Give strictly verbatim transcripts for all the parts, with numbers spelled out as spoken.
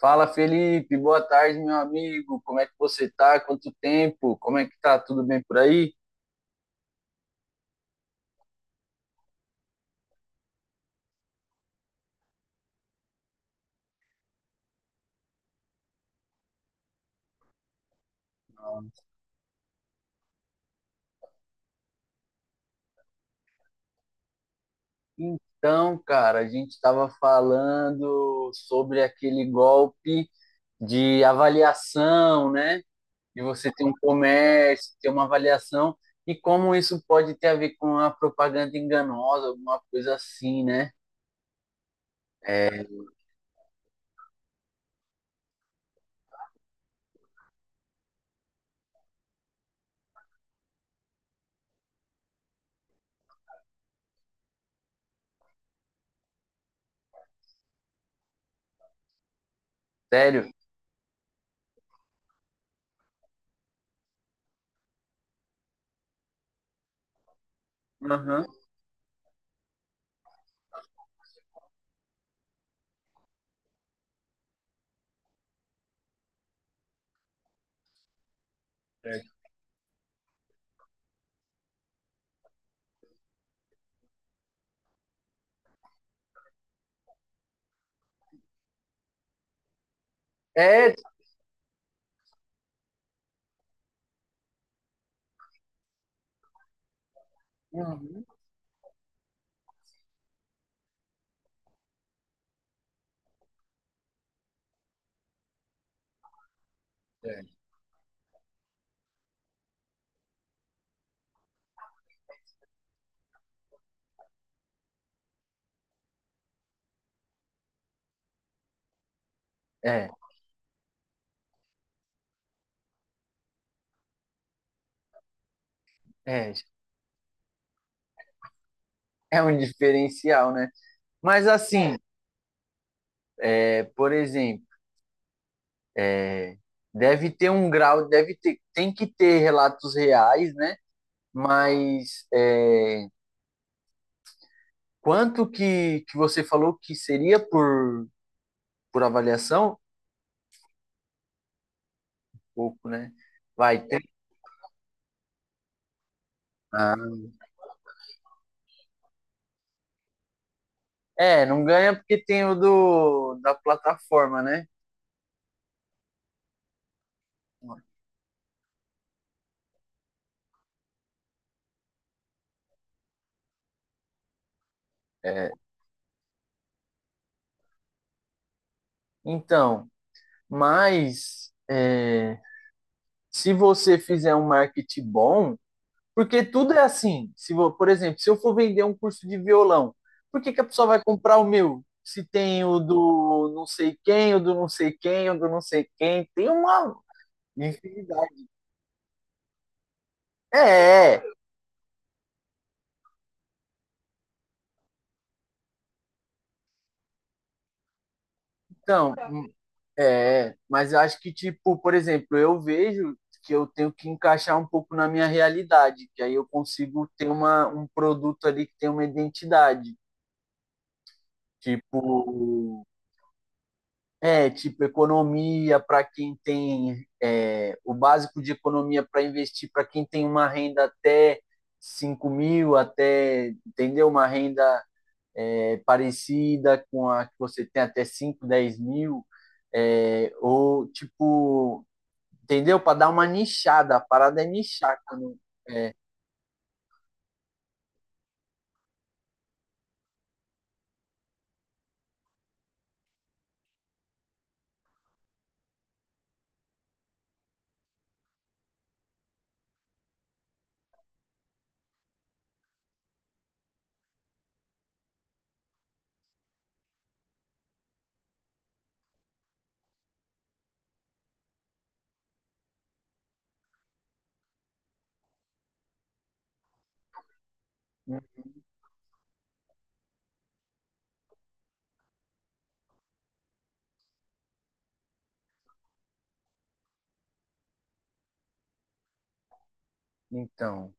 Fala Felipe, boa tarde, meu amigo. Como é que você tá? Quanto tempo? Como é que tá? Tudo bem por aí? Então, cara, a gente estava falando sobre aquele golpe de avaliação, né? De você ter um comércio, ter uma avaliação, e como isso pode ter a ver com a propaganda enganosa, alguma coisa assim, né? Sério? Aham. É. Uhum. é, é, é um diferencial, né? Mas assim. É, por exemplo, é, deve ter um grau, deve ter, tem que ter relatos reais, né? Mas é, quanto que, que você falou que seria por, por avaliação? Pouco, né? Vai ter. Ah, é, não ganha porque tem o do, da plataforma, né? É, então, mas é, se você fizer um marketing bom. Porque tudo é assim. Se vou, por exemplo, se eu for vender um curso de violão, por que que a pessoa vai comprar o meu? Se tem o do não sei quem, o do não sei quem, o do não sei quem, tem uma infinidade. É, é, então, é, mas eu acho que, tipo, por exemplo, eu vejo que eu tenho que encaixar um pouco na minha realidade, que aí eu consigo ter uma, um produto ali que tem uma identidade. Tipo, é, tipo, economia para quem tem é, o básico de economia para investir, para quem tem uma renda até cinco mil, até, entendeu? Uma renda é, parecida com a que você tem até cinco dez mil, é, ou tipo, entendeu? Para dar uma nichada, a parada é nichar. Quando, é, então,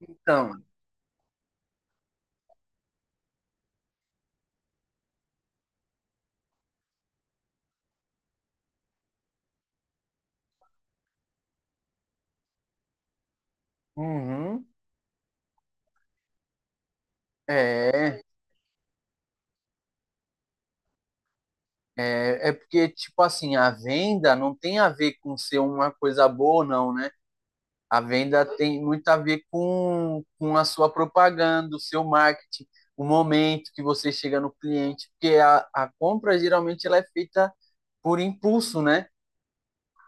então, uhum, é. É, é porque, tipo assim, a venda não tem a ver com ser uma coisa boa ou não, né? A venda tem muito a ver com, com a sua propaganda, o seu marketing, o momento que você chega no cliente, porque a, a compra geralmente ela é feita por impulso, né?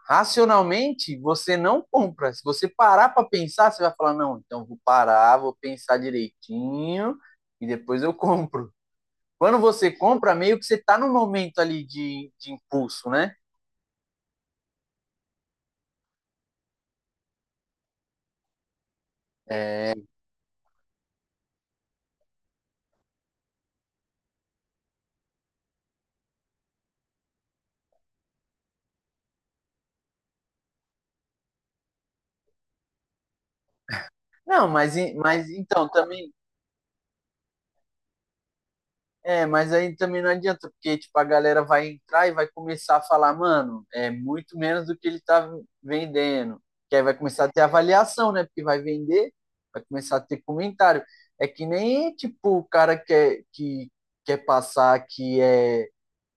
Racionalmente, você não compra. Se você parar para pensar, você vai falar: não, então vou parar, vou pensar direitinho e depois eu compro. Quando você compra, meio que você está no momento ali de, de impulso, né? Não, mas, em- mas então também. É, mas aí também não adianta, porque tipo, a galera vai entrar e vai começar a falar, mano, é muito menos do que ele tá vendendo. Que aí vai começar a ter avaliação, né? Porque vai vender, vai começar a ter comentário. É que nem tipo o cara que, é- que quer passar que é,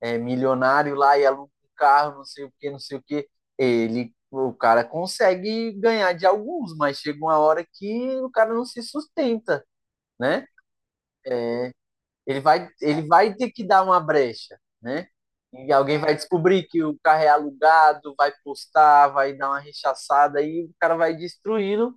é milionário lá e aluga um carro, não sei o que, não sei o que. Ele, o cara consegue ganhar de alguns, mas chega uma hora que o cara não se sustenta, né? Ele vai, ele vai ter que dar uma brecha, né? E alguém vai descobrir que o carro é alugado, vai postar, vai dar uma rechaçada e o cara vai destruindo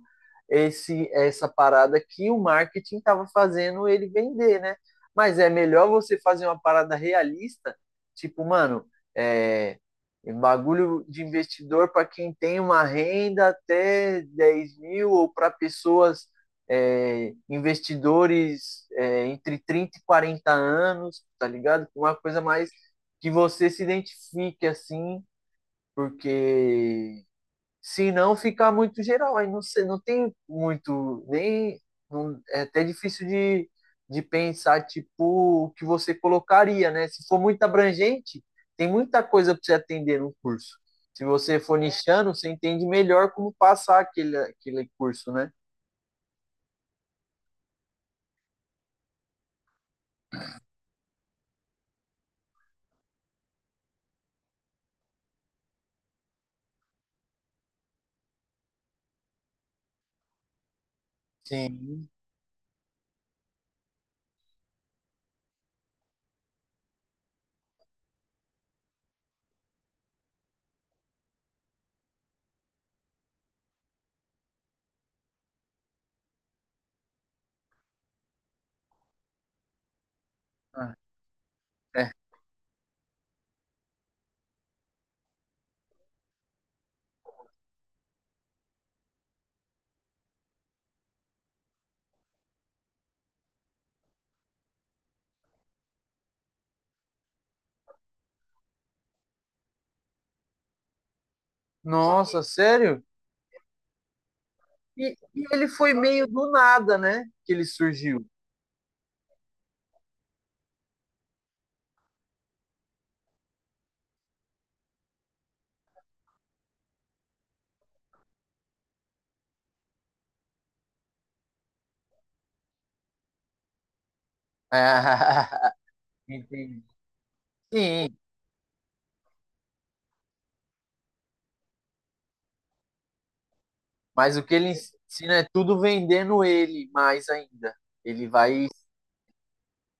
esse essa parada que o marketing estava fazendo ele vender, né? Mas é melhor você fazer uma parada realista, tipo, mano, é, um bagulho de investidor para quem tem uma renda até dez mil ou para pessoas, é, investidores, é, entre trinta e quarenta anos, tá ligado? Uma coisa mais que você se identifique assim, porque se não ficar muito geral, aí não sei, não tem muito, nem não- é até difícil de, de pensar tipo o que você colocaria, né? Se for muito abrangente, tem muita coisa para você atender no curso. Se você for nichando, você entende melhor como passar aquele, aquele curso, né? Sim. Ah, é. Nossa, sério? E, e ele foi meio do nada, né? Que ele surgiu. Ah, entendi. Sim, mas o que ele ensina é tudo vendendo ele mais ainda. Ele vai.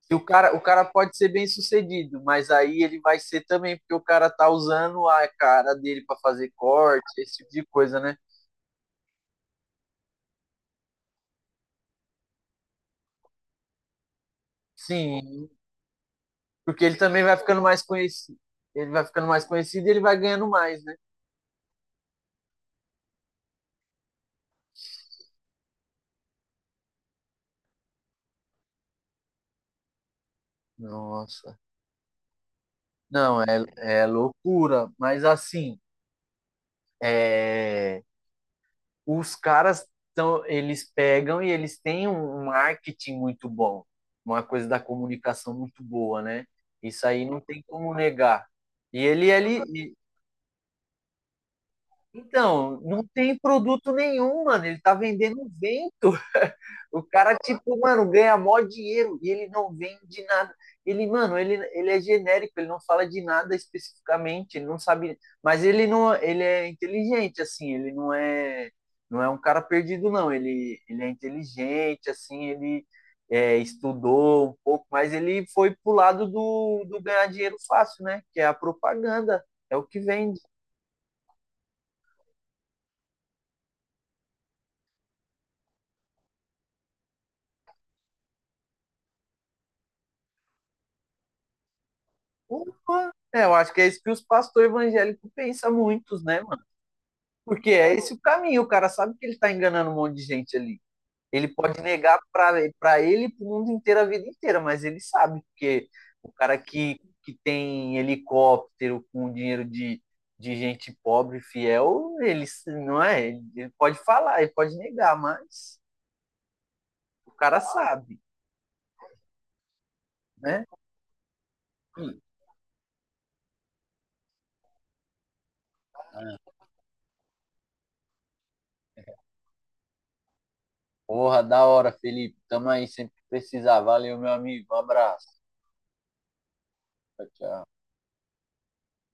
se o cara, o cara pode ser bem sucedido, mas aí ele vai ser também, porque o cara tá usando a cara dele para fazer corte, esse tipo de coisa, né? Sim, porque ele também vai ficando mais conhecido. Ele vai ficando mais conhecido e ele vai ganhando mais, né? Nossa. Não, é, é loucura. Mas assim. É, os caras, então, eles pegam e eles têm um um marketing muito bom, uma coisa da comunicação muito boa, né? Isso aí não tem como negar. E ele, ele, então, não tem produto nenhum, mano. Ele tá vendendo vento. O cara, tipo, mano, ganha mó dinheiro e ele não vende nada. Ele, mano, ele, ele é genérico, ele não fala de nada especificamente, ele não sabe. Mas ele não, ele é inteligente, assim, ele não é, não é um cara perdido, não. Ele, ele é inteligente, assim, ele é, estudou um pouco, mas ele foi pro lado do, do ganhar dinheiro fácil, né? Que é a propaganda, é o que vende. Opa! É, eu acho que é isso que os pastores evangélicos pensam muitos, né, mano? Porque é esse o caminho, o cara sabe que ele tá enganando um monte de gente ali. Ele pode negar para ele e pro mundo inteiro a vida inteira, mas ele sabe, porque o cara que, que tem helicóptero com dinheiro de, de gente pobre, fiel. Ele s- não é, ele, ele pode falar, ele pode negar, mas o cara sabe, né? Porra, da hora, Felipe. Tamo aí sempre que precisar. Valeu, meu amigo. Um abraço. Tchau, tchau.